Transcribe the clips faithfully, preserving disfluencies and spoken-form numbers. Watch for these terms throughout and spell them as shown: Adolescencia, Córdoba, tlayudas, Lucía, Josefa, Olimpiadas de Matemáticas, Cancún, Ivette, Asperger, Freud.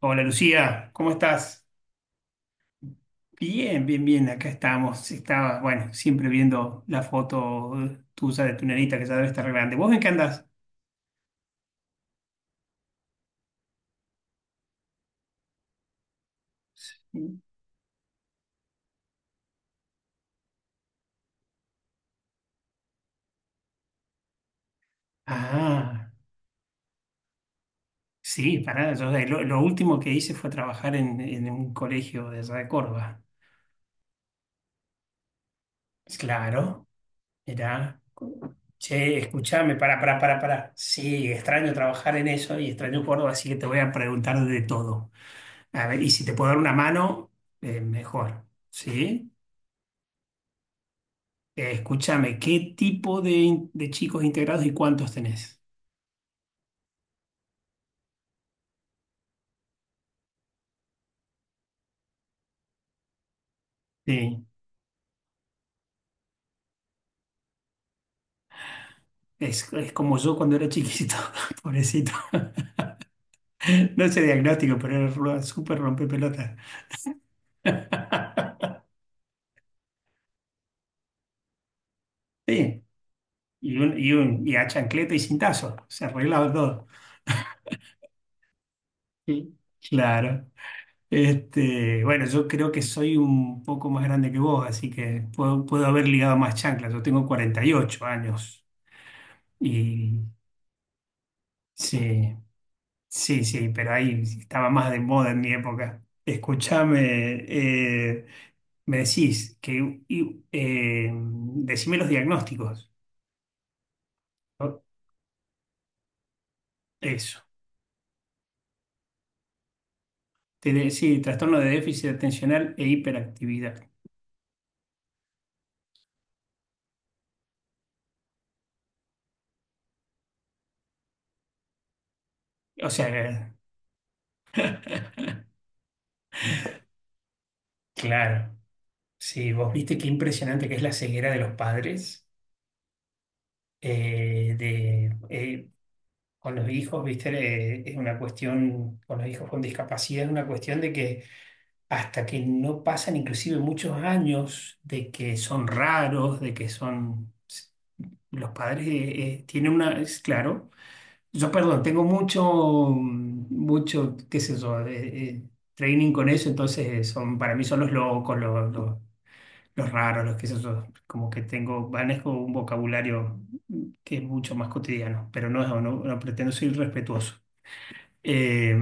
Hola Lucía, ¿cómo estás? Bien, bien, bien, acá estamos. Estaba, bueno, siempre viendo la foto tuya de tu nenita que ya debe estar grande. ¿Vos en qué andás? Ah, sí, pará, yo de- lo, lo último que hice fue trabajar en, en un colegio de allá de Córdoba. Claro, mirá. Che, escuchame, pará, pará, pará, pará. Sí, extraño trabajar en eso y extraño Córdoba, así que te voy a preguntar de todo. A ver, y si te puedo dar una mano, eh, mejor. ¿Sí? Eh, escúchame, ¿qué tipo de, in- de chicos integrados y cuántos tenés? Sí, es, es como yo cuando era chiquito, pobrecito. No sé diagnóstico, pero era ru- súper rompepelota. Sí, y, un, y, un, y a chancleta y cintazo, se arreglaba todo. Sí. Claro. Este, bueno, yo creo que soy un poco más grande que vos, así que puedo, puedo haber ligado más chanclas. Yo tengo cuarenta y ocho años y sí. Sí, sí, pero ahí estaba más de moda en mi época. Escúchame, eh, me decís que y, eh, decime los diagnósticos. ¿No? Eso. Te de- sí, trastorno de déficit atencional e hiperactividad. O sea, claro. Sí, vos viste qué impresionante que es la ceguera de los padres eh, de, eh, con los hijos, viste. Eh, es una cuestión, con los hijos con discapacidad, es una cuestión de que hasta que no pasan inclusive muchos años de que son raros, de que son los padres eh, eh, tienen una, es claro, yo perdón, tengo mucho, mm, mucho, qué sé yo, eh, eh, training con eso, entonces eh, son, para mí son los locos, los, los, los raros, los qué sé yo, como que tengo, manejo un vocabulario mm, que es mucho más cotidiano, pero no, no, no pretendo ser irrespetuoso. Eh,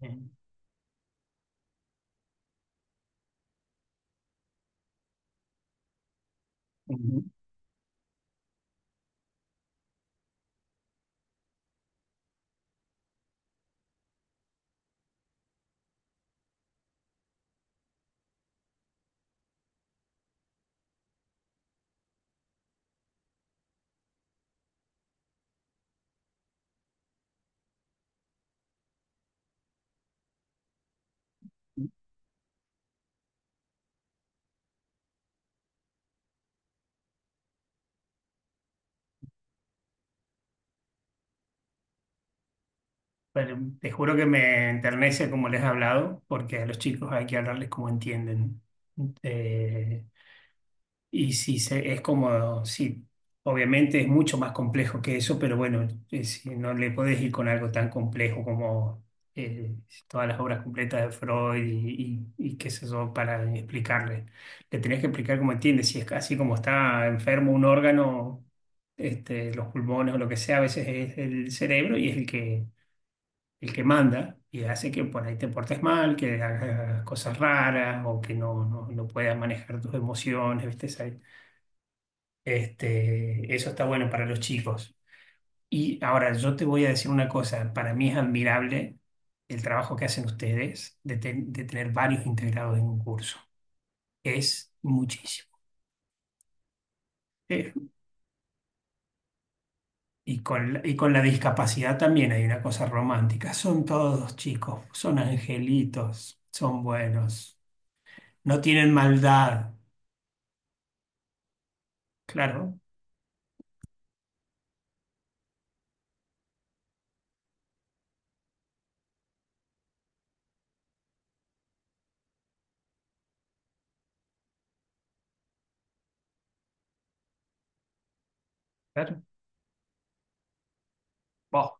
eh, Pero te juro que me enternece como les he hablado, porque a los chicos hay que hablarles como entienden. Eh, y si se, es como, sí, obviamente es mucho más complejo que eso, pero bueno, eh, si no le podés ir con algo tan complejo como eh, todas las obras completas de Freud y, y, y qué sé yo, para explicarle. Le tenés que explicar cómo entiende, si es así como está enfermo un órgano, este, los pulmones o lo que sea, a veces es el cerebro y es el que el que manda y hace que por ahí te portes mal, que hagas cosas raras o que no, no, no puedas manejar tus emociones, ¿viste? Esa-. Este, eso está bueno para los chicos. Y ahora yo te voy a decir una cosa, para mí es admirable el trabajo que hacen ustedes de, ten- de tener varios integrados en un curso. Es muchísimo. Eh, y con la, y con la discapacidad también hay una cosa romántica. Son todos chicos, son angelitos, son buenos, no tienen maldad. Claro, claro. Vos,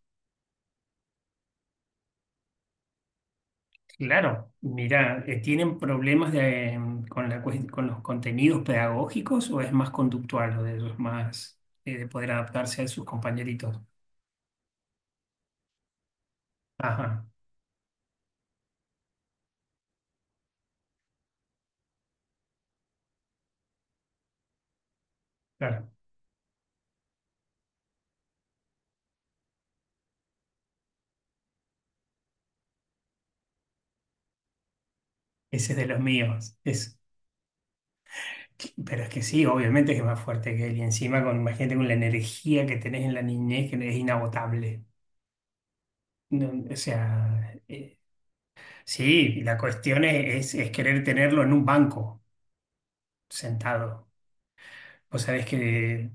claro, mira, eh, ¿tienen problemas de, em, con la, cues- con los contenidos pedagógicos o es más conductual lo de ellos, más eh, de poder adaptarse a sus compañeritos? Ajá, claro, ese es de los míos. Es, pero es que sí, obviamente que es más fuerte que él. Y encima, con, imagínate con la energía que tenés en la niñez, que es inagotable. No, o sea, eh, sí, la cuestión es, es es querer tenerlo en un banco, sentado. Vos sabés que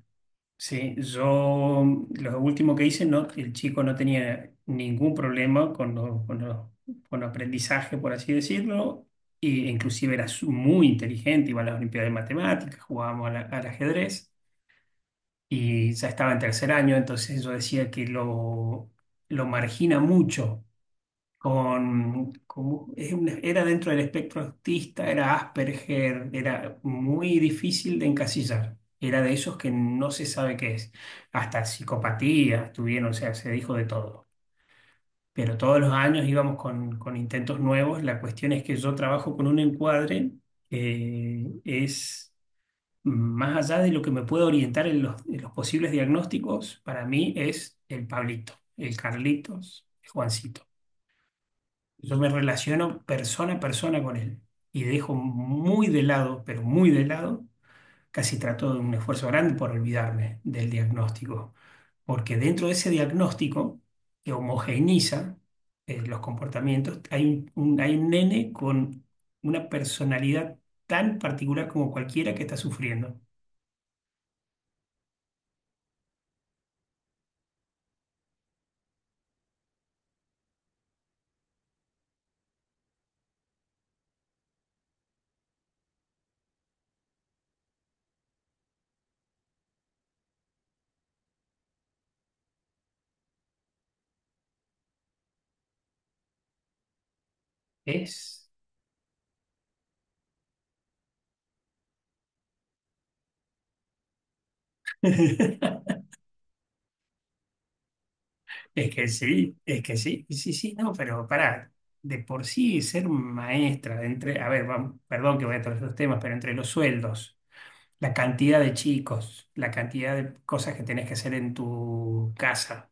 sí, yo lo último que hice, no, el chico no tenía ningún problema con, lo- con, lo- con aprendizaje, por así decirlo, e inclusive era su- muy inteligente, iba a las Olimpiadas de Matemáticas, jugábamos al, al ajedrez y ya estaba en tercer año, entonces yo decía que lo, lo margina mucho con, como- es una- era dentro del espectro autista, era Asperger, era muy difícil de encasillar. Era de esos que no se sabe qué es. Hasta psicopatías tuvieron, o sea, se dijo de todo. Pero todos los años íbamos con, con intentos nuevos. La cuestión es que yo trabajo con un encuadre que es más allá de lo que me puede orientar en los, en los posibles diagnósticos, para mí es el Pablito, el Carlitos, el Juancito. Yo me relaciono persona a persona con él y dejo muy de lado, pero muy de lado, casi trato de un esfuerzo grande por olvidarme del diagnóstico, porque dentro de ese diagnóstico que homogeneiza eh, los comportamientos, hay un, un- hay un nene con una personalidad tan particular como cualquiera que está sufriendo. Es, es que sí, es que sí, y sí, sí, no, pero pará, de por sí ser maestra, de entre, a ver, vam- perdón que voy a todos los temas, pero entre los sueldos, la cantidad de chicos, la cantidad de cosas que tenés que hacer en tu casa,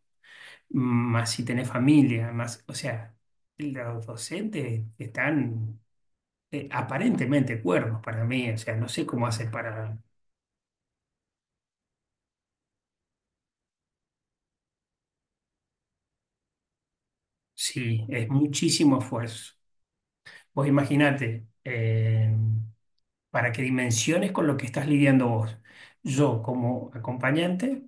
más si tenés familia, más, o sea, los docentes están eh, aparentemente cuerdos para mí, o sea, no sé cómo hacen para, sí, es muchísimo esfuerzo. Vos imaginate. Eh, para que dimensiones con lo que estás lidiando vos. Yo como acompañante,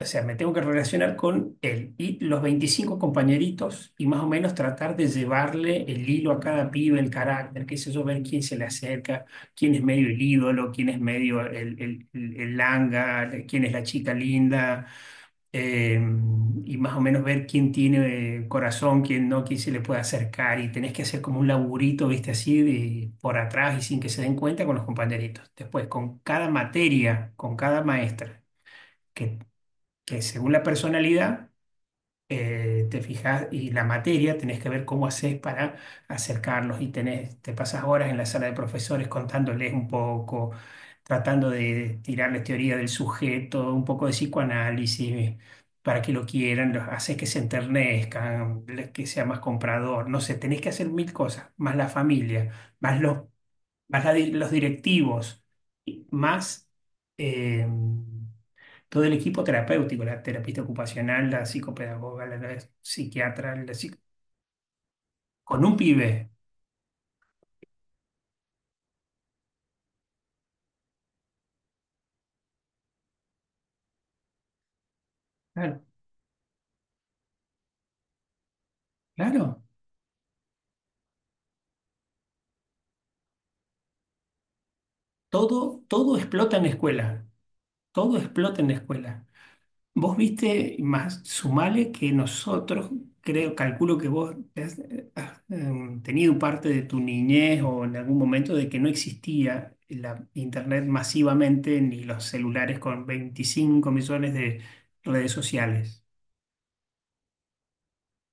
o sea, me tengo que relacionar con él y los veinticinco compañeritos y más o menos tratar de llevarle el hilo a cada pibe, el carácter, qué sé yo, ver quién se le acerca, quién es medio el ídolo, quién es medio el, el, el- el langa, quién es la chica linda, eh, y más o menos ver quién tiene eh, corazón, quién no, quién se le puede acercar y tenés que hacer como un laburito, viste, así de, por atrás y sin que se den cuenta con los compañeritos. Después, con cada materia, con cada maestra, que, que según la personalidad eh, te fijas y la materia tenés que ver cómo haces para acercarlos y tenés, te pasas horas en la sala de profesores contándoles un poco, tratando de tirarles teoría del sujeto, un poco de psicoanálisis para que lo quieran, los haces que se enternezcan, le- que sea más comprador, no sé, tenés que hacer mil cosas, más la familia, más los, más la di- los directivos, y más... em, todo el equipo terapéutico, la terapista ocupacional, la psicopedagoga, la, la psiquiatra, la psic- con un pibe. Claro, claro. Todo, todo explota en la escuela. Todo explota en la escuela. Vos viste, más sumale que nosotros, creo, calculo que vos has, eh, has, eh, tenido parte de tu niñez o en algún momento de que no existía la internet masivamente ni los celulares con veinticinco millones de redes sociales.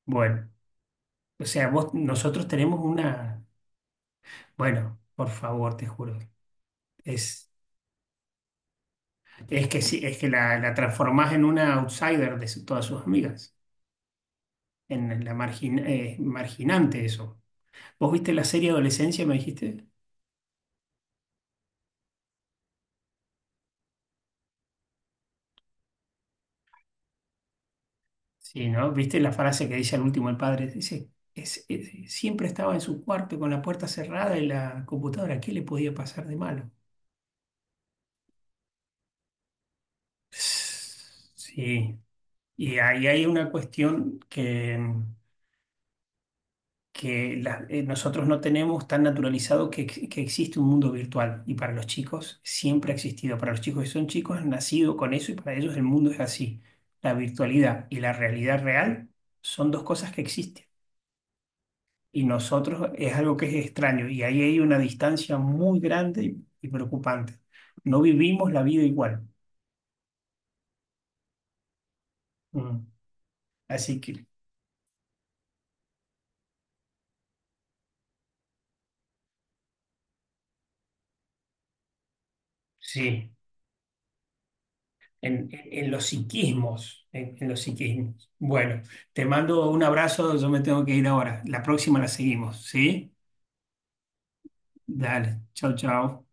Bueno. O sea, vos, nosotros tenemos una. Bueno, por favor, te juro. Es, es que sí, es que la, la transformás en una outsider de su- todas sus amigas. En la margin, eh, marginante eso. ¿Vos viste la serie Adolescencia, me dijiste? Sí, ¿no? ¿Viste la frase que dice al último el padre? Dice, es, es- siempre estaba en su cuarto con la puerta cerrada y la computadora. ¿Qué le podía pasar de malo? Sí. Y ahí hay una cuestión que. Que la- eh, nosotros no tenemos tan naturalizado que, ex- que existe un mundo virtual. Y para los chicos siempre ha existido. Para los chicos que son chicos han nacido con eso y para ellos el mundo es así. La virtualidad y la realidad real son dos cosas que existen. Y nosotros es algo que es extraño. Y ahí hay una distancia muy grande y, y preocupante. No vivimos la vida igual. Mm. Así que sí. En, en- en los psiquismos, en, en los psiquismos. Bueno, te mando un abrazo, yo me tengo que ir ahora. La próxima la seguimos, ¿sí? Dale, chau, chau.